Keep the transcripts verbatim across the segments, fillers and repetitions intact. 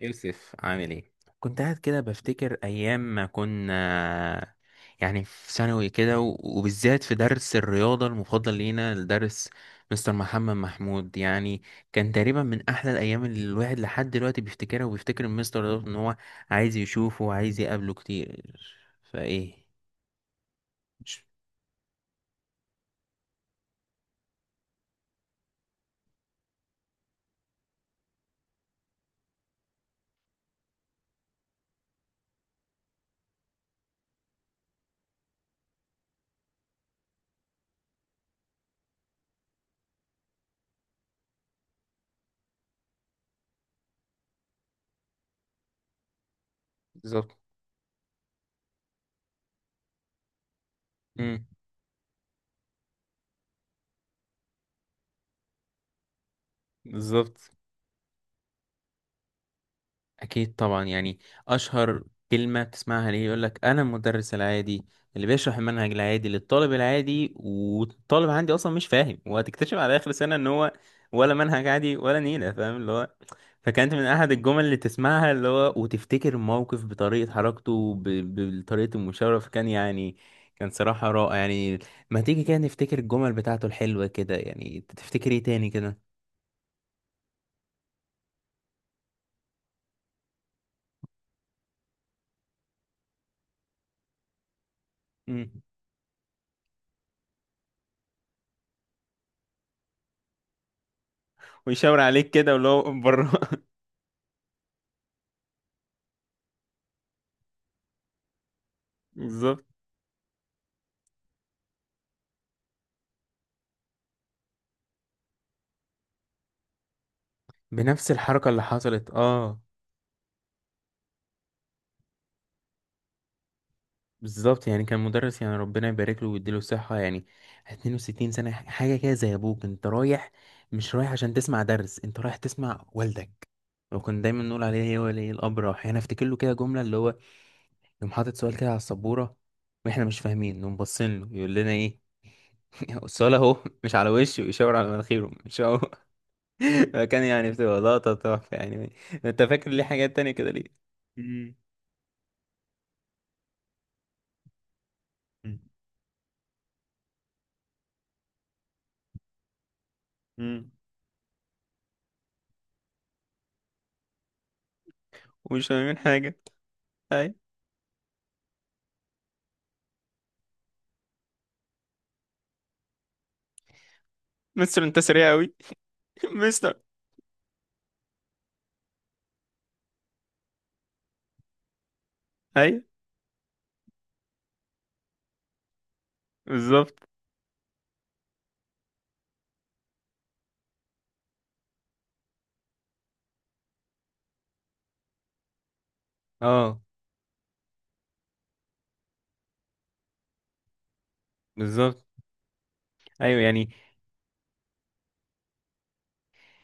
يوسف عامل ايه؟ كنت قاعد كده بفتكر ايام ما كنا يعني في ثانوي كده و- وبالذات في درس الرياضة المفضل لينا الدرس، مستر محمد محمود يعني. كان تقريبا من احلى الايام اللي الواحد لحد دلوقتي بيفتكرها وبيفتكر المستر ده، ان هو عايز يشوفه وعايز يقابله كتير. فايه؟ مش- بالظبط. امم بالظبط. أكيد طبعا يعني. أشهر كلمة بتسمعها ليه يقولك أنا المدرس العادي اللي بيشرح المنهج العادي للطالب العادي، والطالب عندي أصلا مش فاهم، وهتكتشف على آخر سنة إن هو ولا منهج عادي ولا نيلة فاهم اللي هو. فكانت من أحد الجمل اللي تسمعها اللي هو، وتفتكر الموقف بطريقة حركته ب- ب- بطريقة المشاورة. فكان يعني، كان صراحة رائع يعني. ما تيجي كده نفتكر الجمل بتاعته الحلوة كده، يعني تفتكر إيه تاني كده؟ مم. ويشاور عليك كده ولو بره. بالظبط. بنفس الحركة اللي حصلت اه. بالظبط يعني، كان مدرس يعني ربنا يبارك له ويديله الصحة يعني. اتنين وستين سنة حاجة كده، زي أبوك أنت رايح. مش رايح عشان تسمع درس، أنت رايح تسمع والدك. وكنا دايما نقول عليه هو ولي الأمر راح. يعني أفتكر له كده جملة اللي هو، يقوم حاطط سؤال كده على السبورة، وإحنا مش فاهمين، نقوم باصين له يقول لنا إيه؟ السؤال أهو، مش على وشه، ويشاور على مناخيره، مش أهو. فكان يعني بتبقى لقطة تحفة يعني. أنت فاكر ليه حاجات تانية كده ليه؟ مم. مم. ومش فاهمين حاجة. اي. مستر انت سريع قوي. مستر. اي. بالظبط. اه. بالظبط. ايوه يعني،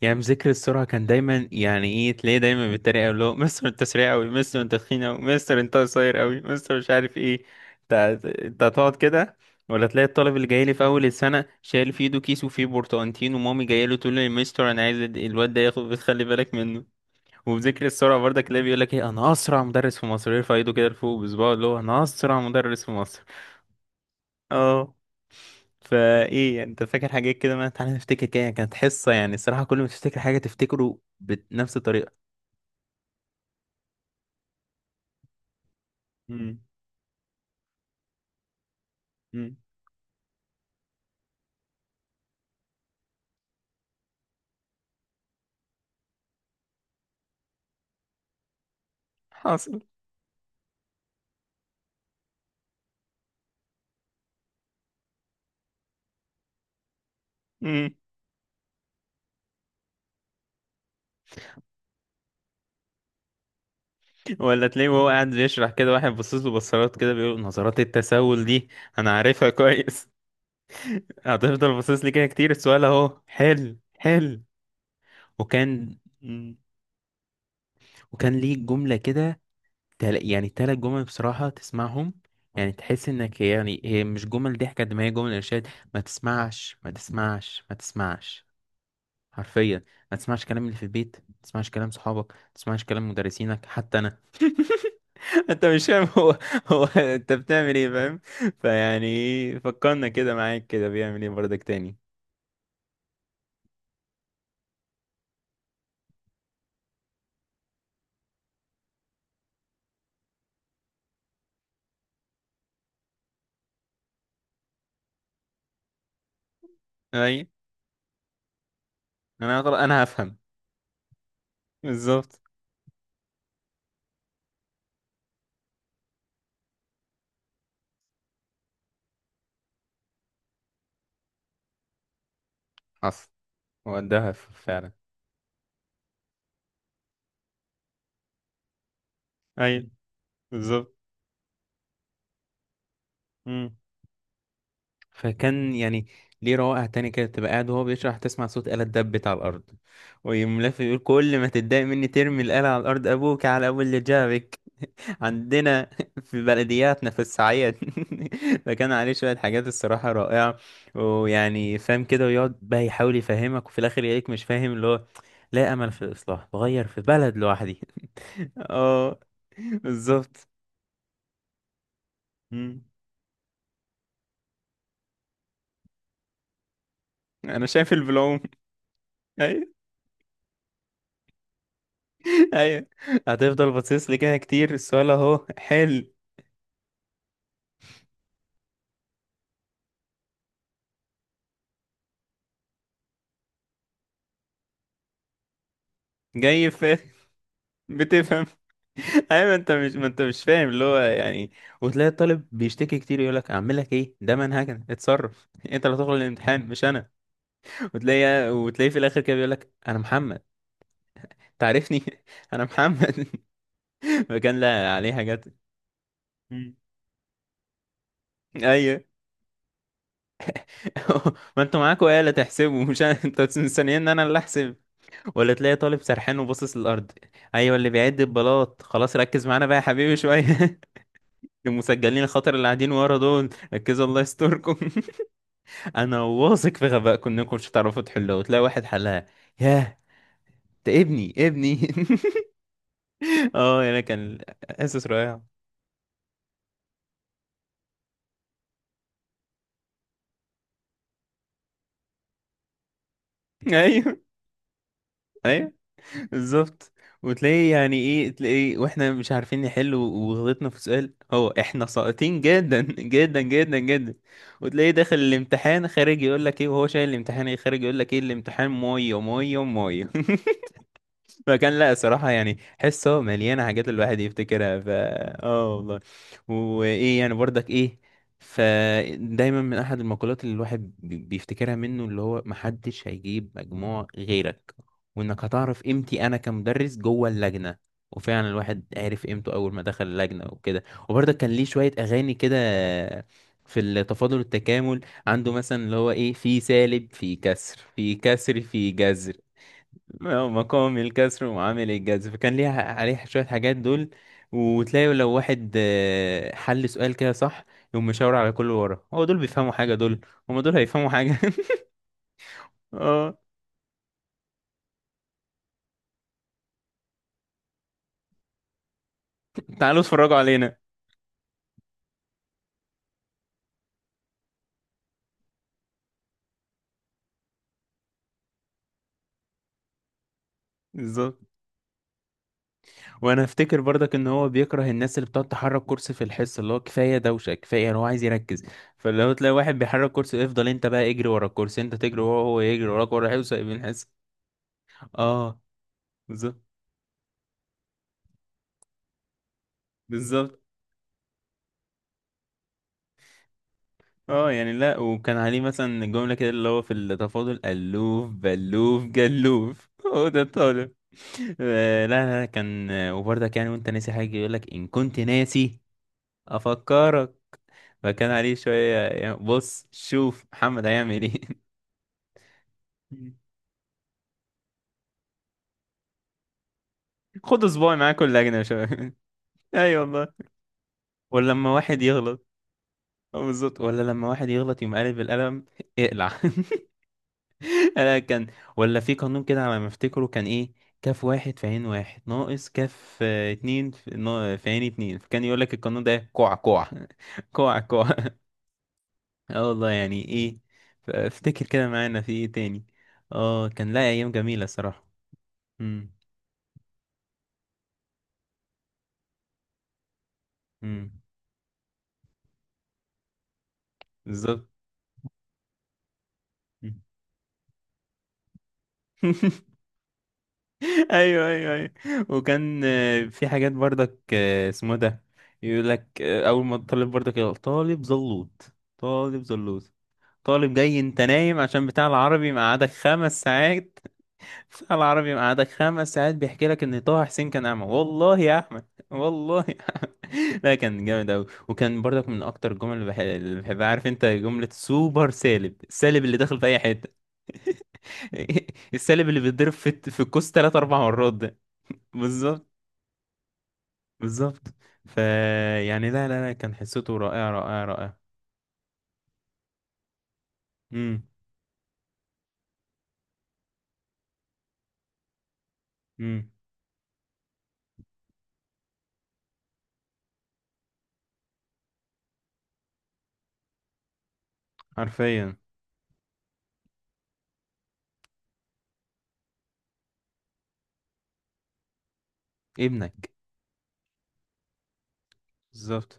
يعني مذاكر السرعة كان دايما يعني ايه، تلاقيه دايما بالطريقة اللي هو: مستر انت سريع قوي، مستر انت تخين قوي، مستر انت قصير قوي، مستر مش عارف ايه. انت، انت هتقعد كده؟ ولا تلاقي الطالب اللي جاي لي في اول السنة شايل في ايده كيس وفيه برتقانتين، ومامي جايه له تقول لي: يا مستر انا عايز الواد ده ياخد، خلي بالك منه. وبذكر السرعة برضك اللي بيقول لك ايه: انا اسرع مدرس في مصر، يرفع ايده كده لفوق بصباعه اللي هو انا اسرع مدرس في مصر. اه. فايه يعني، انت فاكر حاجات كده؟ ما تعالى نفتكر كده، يعني كانت حصة يعني الصراحة كل ما تفتكر حاجة تفتكره بنفس الطريقة. امم امم حاصل. امم ولا تلاقيه وهو قاعد بيشرح كده، واحد باصص له بصات كده، بيقول: نظرات التساؤل دي انا عارفها كويس. هتفضل باصص لي كده كتير، السؤال اهو حل حل. وكان مم. وكان ليه جملة كده، تل... يعني تلات جمل بصراحة تسمعهم، يعني تحس انك يعني هي مش جمل ضحك قد ما هي جمل ارشاد: ما تسمعش ما تسمعش ما تسمعش. حرفيا، ما تسمعش كلام اللي في البيت، ما تسمعش كلام صحابك، ما تسمعش كلام مدرسينك، حتى انا. انت مش فاهم، هو هو انت بتعمل ايه فاهم. فيعني فكرنا كده، معاك كده بيعمل ايه برضك تاني؟ اي. انا أغل... انا هفهم. بالظبط. حصل. هو ده هف- فعلا. اي. بالظبط. فكان يعني ليه روائع تانية كده، تبقى قاعد وهو بيشرح تسمع صوت آلة دبت على الأرض، ويقوم لافف يقول: كل ما تتضايق مني ترمي الآلة على الأرض، أبوك على أبو اللي جابك. عندنا في بلدياتنا في الصعيد. فكان عليه شوية حاجات الصراحة رائعة. ويعني فاهم كده ويقعد بقى يحاول يفهمك، وفي الآخر يلاقيك مش فاهم اللي هو: لا أمل في الإصلاح، بغير في بلد لوحدي. اه بالظبط. مم. أنا شايف البلوم. ايوه. هتفضل باصص لي كده كتير، السؤال اهو حلو. جاي فاهم. بتفهم. ايوه انت مش، ما انت مش فاهم اللي هو يعني. وتلاقي الطالب بيشتكي كتير، يقول لك: اعمل لك ايه، ده منهجنا، اتصرف، انت اللي هتخرج الامتحان مش انا. وتلاقي، وتلاقيه في الاخر كده بيقول لك: انا محمد تعرفني. انا محمد. فكان لا عليه حاجات. مم. ايوه. ما انتوا معاكوا آلة تحسبوا مش انا، انتوا مستنيين ان انا اللي احسب. ولا تلاقي طالب سرحان وباصص للأرض، أيوة اللي بيعد البلاط، خلاص ركز معانا بقى يا حبيبي شوية. المسجلين الخطر اللي قاعدين ورا دول، ركزوا الله يستركم. أنا واثق في غبائكم إنكم مش هتعرفوا تحلوها، وتلاقي واحد حلها. ياه، ده ابني ابني. اه انا كان، اسس رائع. ايوه ايوه بالظبط. وتلاقيه يعني ايه، تلاقيه واحنا مش عارفين نحل و- وغلطنا في سؤال، هو احنا ساقطين جدا جدا جدا جدا. وتلاقيه داخل الامتحان خارج، يقول لك ايه وهو شايل الامتحان، ايه خارج يقول لك ايه؟ الامتحان ميه ميه ميه. فكان لا صراحة يعني حصة مليانة حاجات الواحد يفتكرها، ف، اه والله. وايه يعني برضك ايه. فدايما من احد المقولات اللي الواحد بي- بيفتكرها منه اللي هو: محدش هيجيب مجموع غيرك، وانك هتعرف قيمتي انا كمدرس جوه اللجنة. وفعلا الواحد عرف قيمته اول ما دخل اللجنة وكده. وبرضك كان ليه شوية اغاني كده في التفاضل والتكامل، عنده مثلا اللي هو ايه: في سالب، في كسر، في كسر، في جذر. مقام الكسر ومعامل الجذر، فكان ليها عليه شوية حاجات دول. وتلاقي لو واحد آه، حل سؤال كده صح، يقوم مشاور على كل ورا: هو دول بيفهموا حاجة، دول هما دول هيفهموا حاجة. اه تعالوا اتفرجوا علينا. بالظبط. وانا افتكر برضك ان هو بيكره الناس اللي بتقعد تحرك كرسي في الحصة، اللي هو كفاية دوشة، كفاية هو عايز يركز. فلو تلاقي واحد بيحرك كرسي: افضل انت بقى اجري ورا الكرسي، انت تجري ورا، هو يجري وراك، ورا الحصة، يبقى الحصة. اه بالظبط. بالظبط. اه يعني لا، وكان عليه مثلا جملة كده اللي هو في التفاضل: ألوف بلوف جلوف، هو ده الطالب. آه، لا لا لا، كان آه، وبرضك يعني وانت ناسي حاجة يقولك إن كنت ناسي، أفكرك. فكان عليه شوية، يعني بص شوف محمد هيعمل ايه. خد صباعي معاه كل لجنة يا شباب. اي والله. ولما واحد يغلط، اه بالظبط. ولا لما واحد يغلط يقوم قالب بالقلم: اقلع. انا كان، ولا في قانون كده على ما افتكره كان ايه: كاف واحد في عين واحد ناقص كاف آه، اتنين في نا- في عين اتنين، فكان يقول لك القانون ده: كوع كوع. كوع كوع. اه والله يعني ايه. ف- افتكر كده معانا في ايه تاني. اه كان لا ايام جميلة الصراحة. امم امم بالظبط. مم. ايوه ايوه ايوه. وكان آه، في حاجات برضك آه، اسمه ده، يقول لك آه، اول ما الطالب برضك يقول: طالب زلوط، طالب زلوط، طالب جاي انت نايم عشان بتاع العربي مقعدك خمس ساعات. بتاع العربي مقعدك خمس ساعات، بيحكي لك ان طه حسين كان اعمى والله يا احمد. والله يا احمد. لا كان جامد اوي. وكان برضك من اكتر الجمل اللي بح- اللي بحبها، عارف انت جملة سوبر سالب، السالب اللي داخل في اي حتة. السالب اللي بيتضرب في الت- في الكوس تلات اربع مرات ده. بالظبط. بالظبط. ف، يعني لا لا لا كان حصته رائعة رائعة رائعة. امم امم حرفيا. ابنك. بالظبط.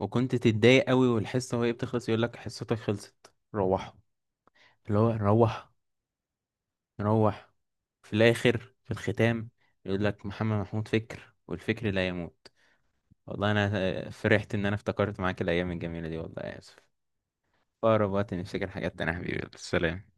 وكنت تتضايق قوي والحصة وهي بتخلص، يقول لك: حصتك خلصت روحوا. اللي هو نروح. نروح. في الآخر في الختام يقول لك: محمد محمود فكر، والفكر لا يموت. والله أنا آه، فرحت إن أنا افتكرت معاك الأيام الجميلة دي، والله يا يوسف، في أقرب وقت نفتكر حاجات تانية يا حبيبي، سلام.